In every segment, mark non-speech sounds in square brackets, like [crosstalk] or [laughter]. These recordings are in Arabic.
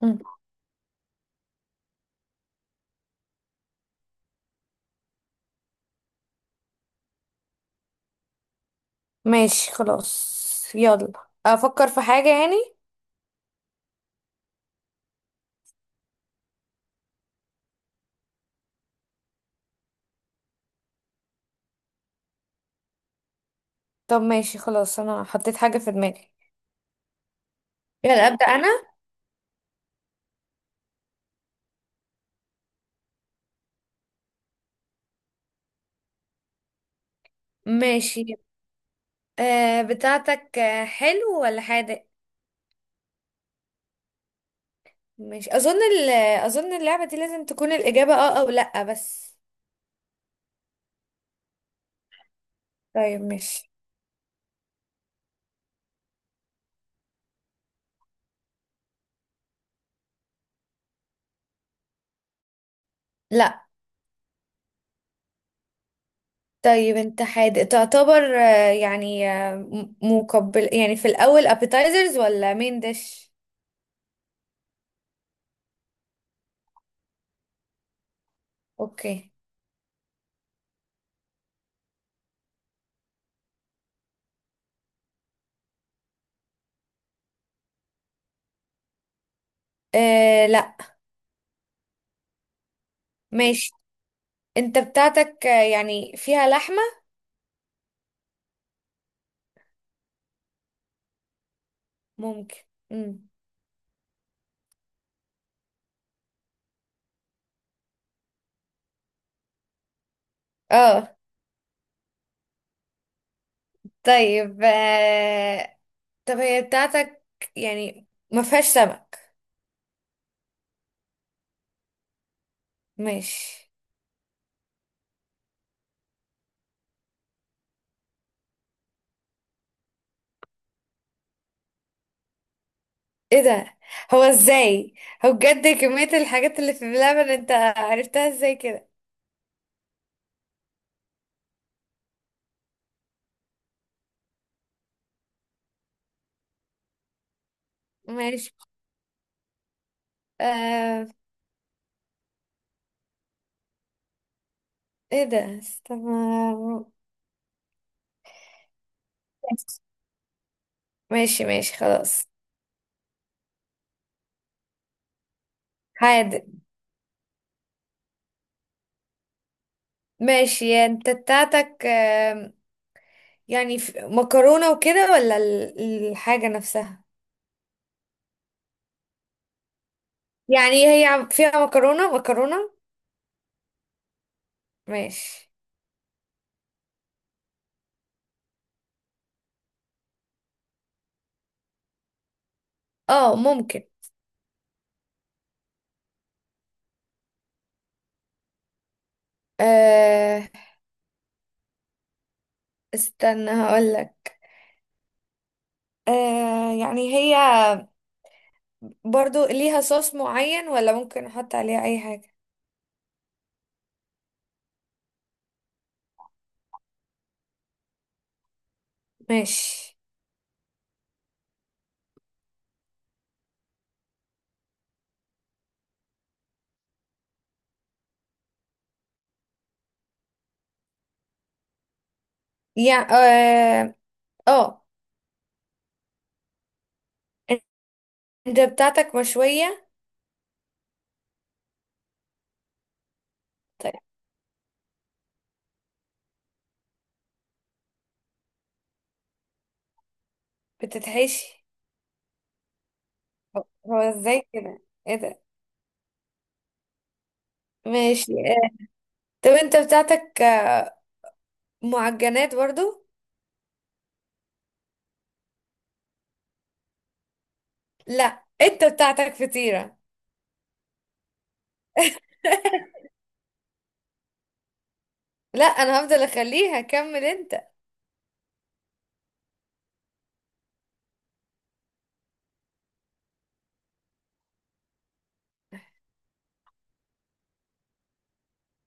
مم. ماشي خلاص. يلا، افكر في حاجة يعني. طب ماشي خلاص، انا حطيت حاجة في دماغي. يلا ابدأ انا. ماشي. بتاعتك حلو ولا حادق؟ ماشي، اظن اظن اللعبة دي لازم تكون الإجابة اه او لا بس. طيب ماشي. لا. طيب انت حادق، تعتبر يعني مقبل يعني في الاول appetizers ولا مين ديش؟ اوكي. لا. ماشي. انت بتاعتك يعني فيها لحمة؟ ممكن. مم. اه. طيب طب هي بتاعتك يعني ما فيهاش سمك؟ ماشي. ايه ده، هو ازاي؟ هو بجد كمية الحاجات اللي في اللبن انت عرفتها ازاي كده؟ ماشي. آه... ايه ده استنى. ماشي ماشي خلاص. حادق. ماشي، انت بتاعتك يعني مكرونة وكده ولا الحاجة نفسها؟ يعني هي فيها مكرونة مكرونة؟ ماشي. اه ممكن. آه استنى هقولك. يعني هي برضو ليها صوص معين ولا ممكن احط عليها اي حاجة؟ ماشي. يعني اه. آه. انت بتاعتك مشوية؟ طيب. بتتحشي؟ هو ازاي كده؟ ايه ده؟ ماشي. آه. طب انت بتاعتك معجنات برضو؟ لا، انت بتاعتك فطيرة. لا، انا هفضل اخليها، كمل انت.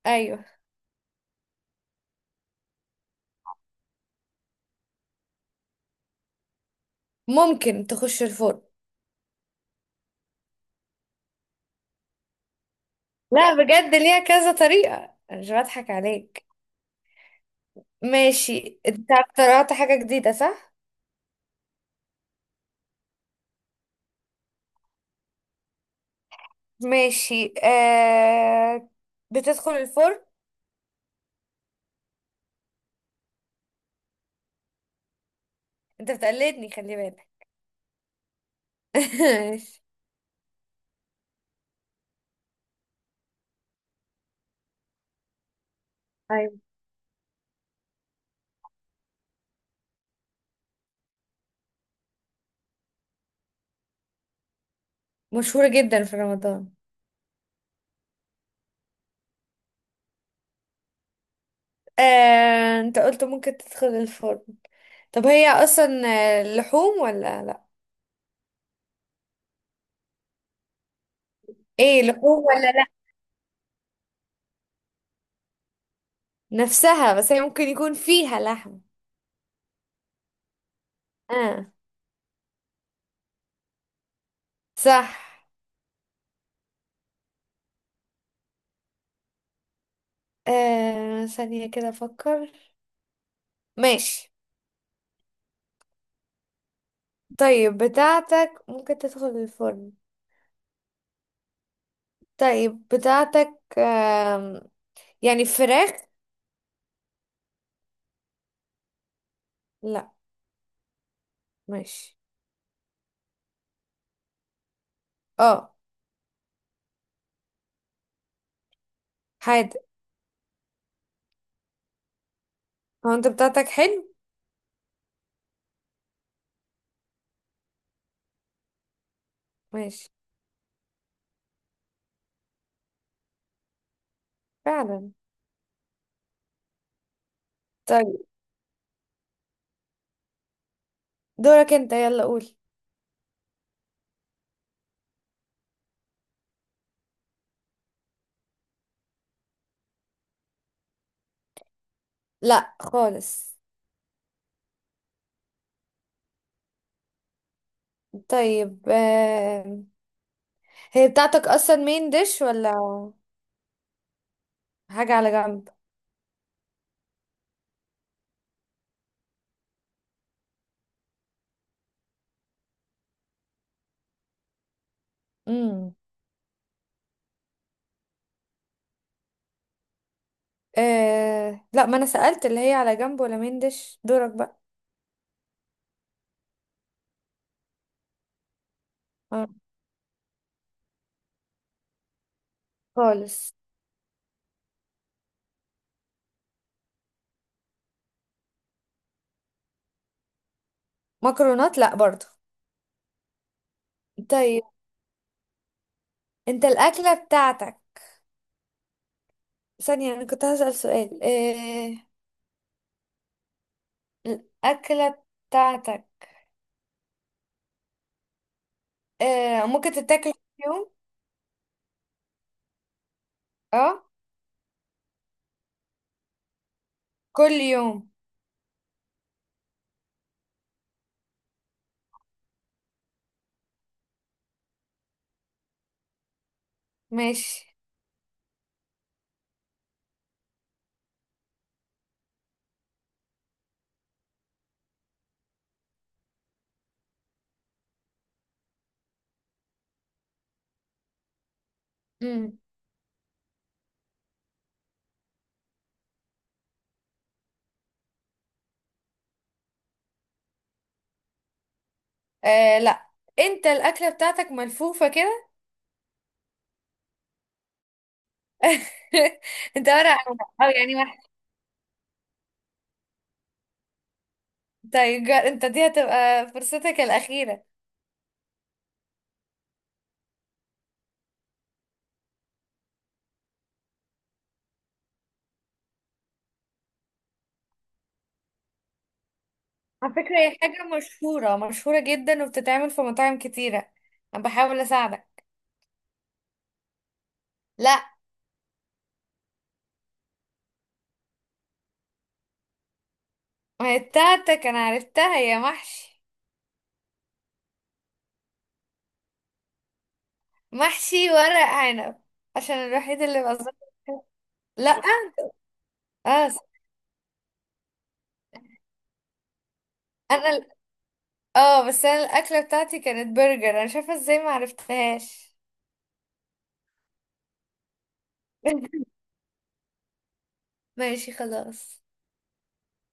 ايوه. ممكن تخش الفرن؟ لا بجد، ليها كذا طريقة، أنا مش بضحك عليك. ماشي، انت اخترعت حاجة جديدة صح؟ ماشي. بتدخل الفرن؟ انت بتقلدني، خلي بالك. [laughs] ماشي. ايوه، مشهورة جدا في رمضان. انت قلت ممكن تدخل الفرن، طب هي اصلا لحوم ولا لا؟ ايه لحوم ولا لا؟ نفسها، بس هي ممكن يكون فيها لحم. اه. صح. ثانية كده افكر. ماشي. طيب بتاعتك ممكن تدخل الفرن؟ طيب بتاعتك يعني فراخ؟ لا. ماشي. اه. حادق. هو انت بتاعتك حلو؟ ماشي. فعلا. طيب دورك انت، يلا قول. لا خالص. طيب هي بتاعتك اصلا مين ديش ولا حاجة على جنب؟ امم آه، لا، ما انا سألت اللي هي على جنب ولا مين ديش، دورك بقى. آه. خالص. مكرونات لا برضو. طيب انت الأكلة بتاعتك، ثانية، أنا كنت هسأل سؤال إيه، الأكلة بتاعتك إيه، ممكن تتاكل كل يوم؟ اه كل يوم. ماشي. امم إيه لا، انت الأكلة بتاعتك ملفوفة كده. [laughs] انت ورق، أو يعني واحد. طيب انت دي هتبقى فرصتك الأخيرة. على فكرة هي حاجة مشهورة مشهورة جدا، وبتتعمل في مطاعم كتيرة. أنا بحاول أساعدك. لا، ما هي بتاعتك أنا عرفتها يا محشي. محشي ورق عنب، عشان الوحيد اللي بقى. لا، اه س- انا ال- اه بس انا الاكله بتاعتي كانت برجر، انا مش عارفه ازاي ما عرفتهاش. [laughs] ماشي خلاص.